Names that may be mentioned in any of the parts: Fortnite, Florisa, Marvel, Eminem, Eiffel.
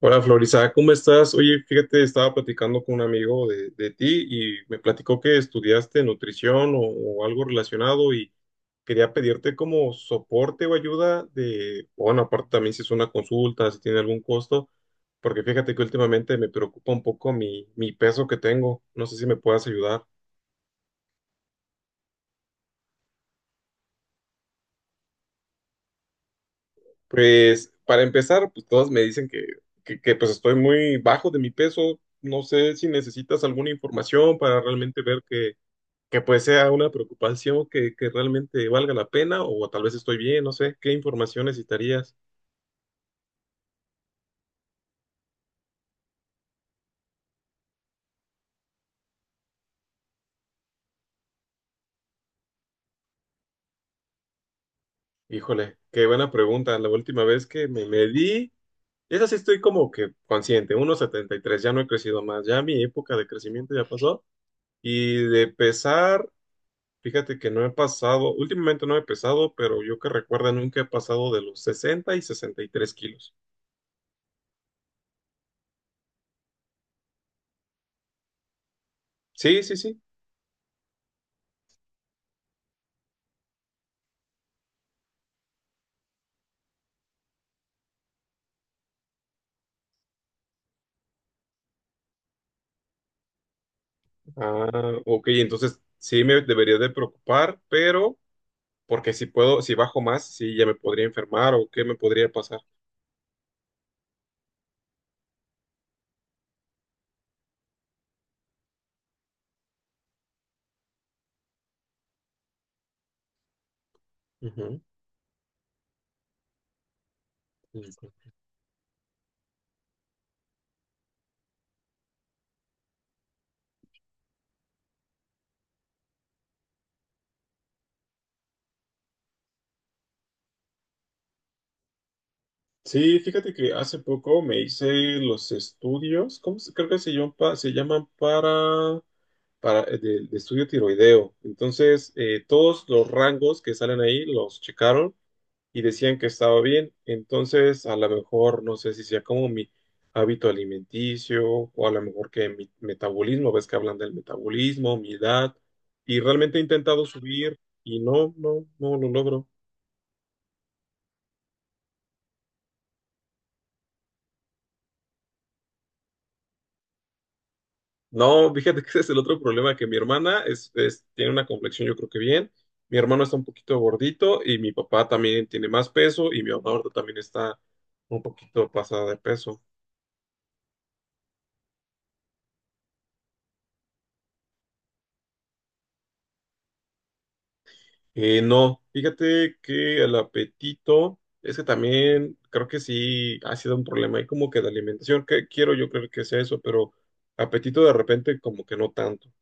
Hola Florisa, ¿cómo estás? Oye, fíjate, estaba platicando con un amigo de ti y me platicó que estudiaste nutrición o algo relacionado y quería pedirte como soporte o ayuda de, bueno, aparte también si es una consulta, si tiene algún costo, porque fíjate que últimamente me preocupa un poco mi peso que tengo, no sé si me puedas ayudar. Pues para empezar, pues todos me dicen pues estoy muy bajo de mi peso, no sé si necesitas alguna información para realmente ver que pues sea una preocupación que realmente valga la pena o tal vez estoy bien, no sé, ¿qué información necesitarías? Híjole, qué buena pregunta. La última vez que me medí, esa sí estoy como que consciente, 1,73, ya no he crecido más, ya mi época de crecimiento ya pasó. Y de pesar, fíjate que no he pasado, últimamente no he pesado, pero yo que recuerda nunca he pasado de los 60 y 63 kilos. Sí, sí, sí. Ah, ok, entonces sí me debería de preocupar, pero porque si puedo, si bajo más, sí, ya me podría enfermar o qué me podría pasar. Ujú, ujú. Sí, fíjate que hace poco me hice los estudios, ¿cómo se, creo que se llaman, se llaman para de estudio tiroideo. Entonces, todos los rangos que salen ahí los checaron y decían que estaba bien, entonces a lo mejor no sé si sea como mi hábito alimenticio o a lo mejor que mi metabolismo, ves que hablan del metabolismo, mi edad, y realmente he intentado subir y no, no, no lo logro. No, fíjate que ese es el otro problema, que mi hermana es, tiene una complexión yo creo que bien, mi hermano está un poquito gordito y mi papá también tiene más peso y mi mamá ahorita también está un poquito pasada de peso. No, fíjate que el apetito es que también creo que sí ha sido un problema ahí como que de alimentación, que quiero yo creo que sea eso, pero apetito de repente como que no tanto.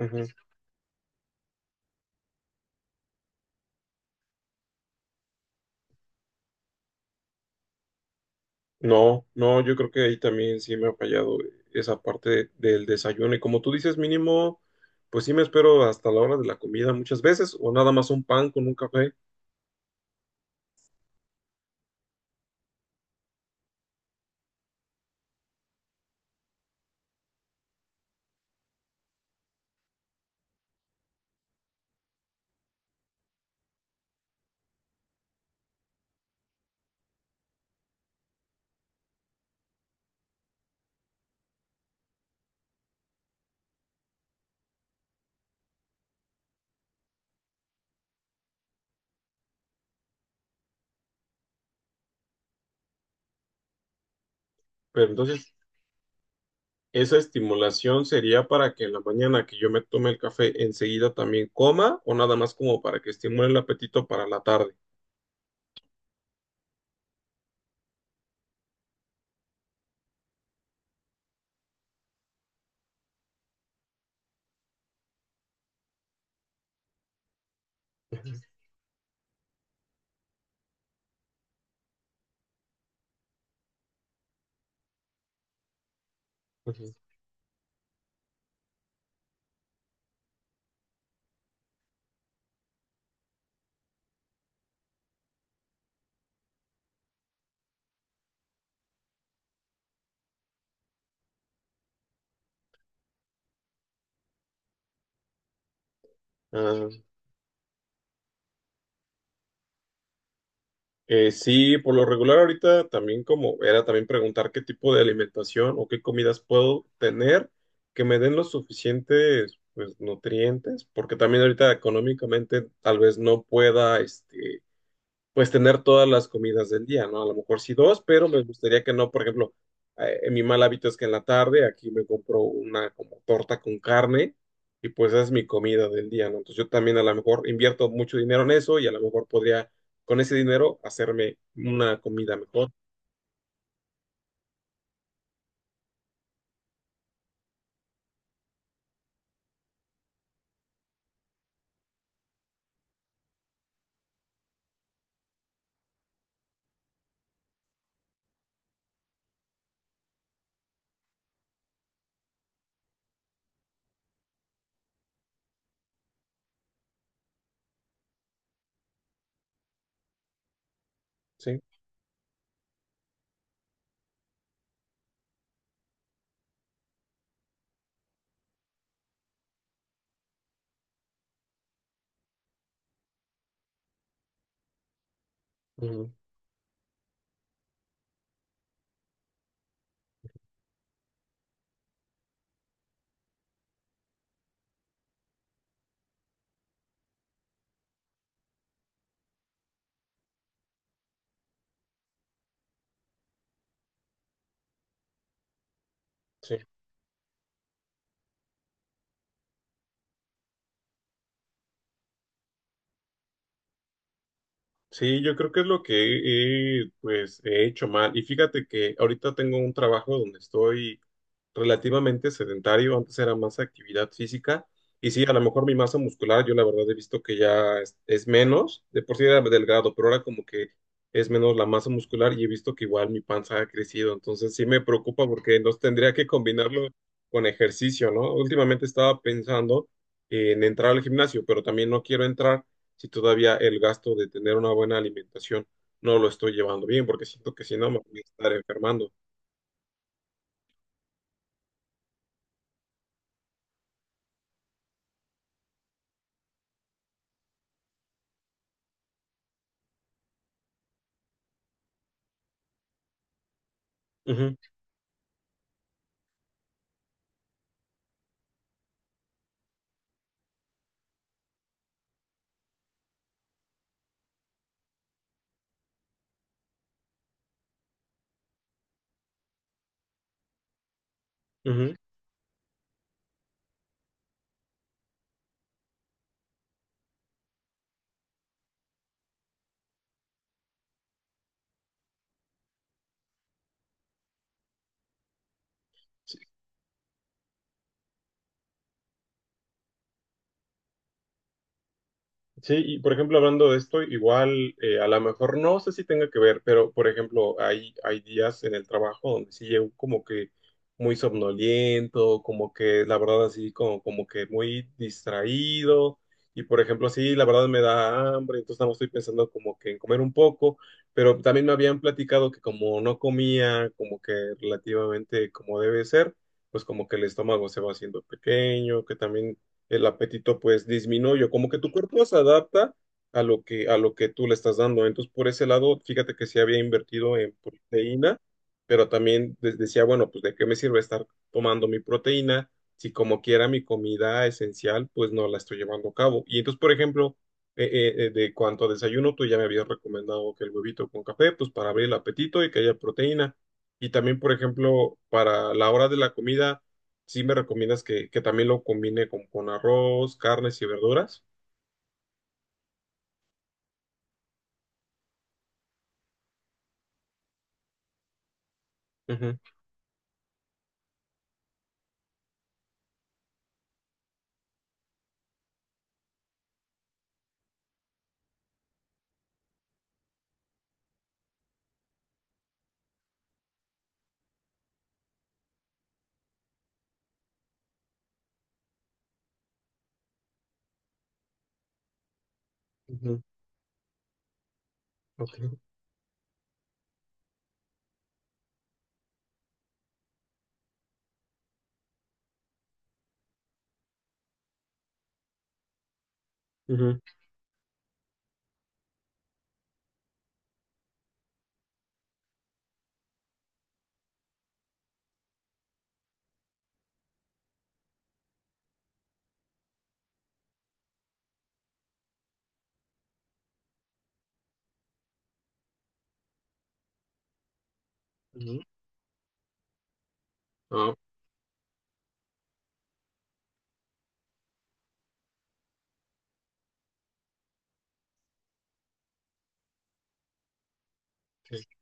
Ujú. No, no, yo creo que ahí también sí me ha fallado esa parte del desayuno y como tú dices mínimo, pues sí me espero hasta la hora de la comida muchas veces o nada más un pan con un café, pero entonces esa estimulación sería para que en la mañana que yo me tome el café enseguida también coma o nada más como para que estimule el apetito para la tarde. Ujú. Ah, sí, por lo regular ahorita también como era también preguntar qué tipo de alimentación o qué comidas puedo tener que me den los suficientes, pues, nutrientes, porque también ahorita económicamente tal vez no pueda este, pues tener todas las comidas del día, ¿no? A lo mejor sí dos, pero me gustaría que no, por ejemplo, mi mal hábito es que en la tarde aquí me compro una como torta con carne y pues esa es mi comida del día, ¿no? Entonces yo también a lo mejor invierto mucho dinero en eso y a lo mejor podría con ese dinero hacerme una comida mejor, ¿sí? Ujú, sí. Sí, yo creo que es lo que he hecho mal. Y fíjate que ahorita tengo un trabajo donde estoy relativamente sedentario. Antes era más actividad física. Y sí, a lo mejor mi masa muscular, yo la verdad he visto que ya es menos. De por sí era delgado, pero ahora como que es menos la masa muscular y he visto que igual mi panza ha crecido. Entonces sí me preocupa porque no tendría que combinarlo con ejercicio, ¿no? Últimamente estaba pensando en entrar al gimnasio, pero también no quiero entrar si todavía el gasto de tener una buena alimentación no lo estoy llevando bien, porque siento que si no me voy a estar enfermando. Ujú, ujú. Sí, y por ejemplo, hablando de esto, igual a lo mejor no sé si tenga que ver, pero por ejemplo, hay días en el trabajo donde sí llego como que muy somnoliento, como que la verdad así como que muy distraído, y por ejemplo, sí, la verdad me da hambre, entonces nada más estoy pensando como que en comer un poco, pero también me habían platicado que como no comía, como que relativamente como debe ser, pues como que el estómago se va haciendo pequeño, que también el apetito pues disminuye, como que tu cuerpo se adapta a lo que tú le estás dando. Entonces, por ese lado, fíjate que sí había invertido en proteína, pero también decía, bueno, pues de qué me sirve estar tomando mi proteína si como quiera mi comida esencial, pues no la estoy llevando a cabo. Y entonces, por ejemplo, de cuanto a desayuno, tú ya me habías recomendado que el huevito con café, pues para abrir el apetito y que haya proteína. Y también, por ejemplo, para la hora de la comida, sí me recomiendas que también lo combine con arroz, carnes y verduras. Ujú, ujú, ok, ujú, ujú. Ah, ok.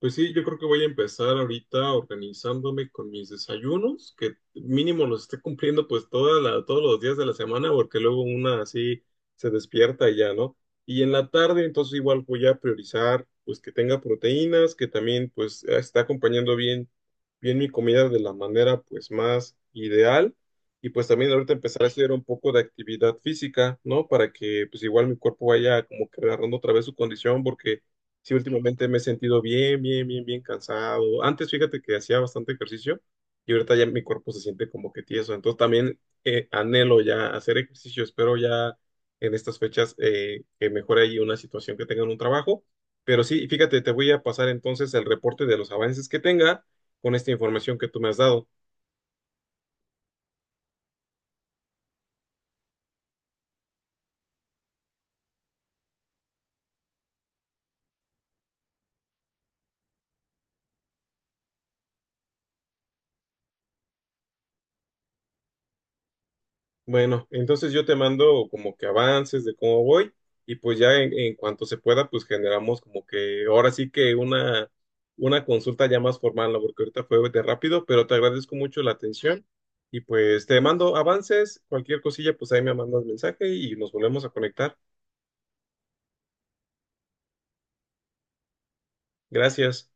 Pues sí, yo creo que voy a empezar ahorita organizándome con mis desayunos, que mínimo los esté cumpliendo pues toda la, todos los días de la semana, porque luego una así se despierta y ya, ¿no? Y en la tarde entonces igual voy a priorizar pues que tenga proteínas, que también pues está acompañando bien, bien mi comida de la manera pues más ideal. Y pues también ahorita empezar a hacer un poco de actividad física, ¿no? Para que pues igual mi cuerpo vaya como que agarrando otra vez su condición, porque... Sí, últimamente me he sentido bien, bien, bien, bien cansado. Antes, fíjate que hacía bastante ejercicio y ahorita ya mi cuerpo se siente como que tieso. Entonces también anhelo ya hacer ejercicio. Espero ya en estas fechas que mejore ahí una situación que tenga en un trabajo. Pero sí, fíjate, te voy a pasar entonces el reporte de los avances que tenga con esta información que tú me has dado. Bueno, entonces yo te mando como que avances de cómo voy y pues ya en cuanto se pueda, pues generamos como que ahora sí que una consulta ya más formal, ¿no? Porque ahorita fue de rápido, pero te agradezco mucho la atención y pues te mando avances, cualquier cosilla, pues ahí me mandas mensaje y nos volvemos a conectar. Gracias.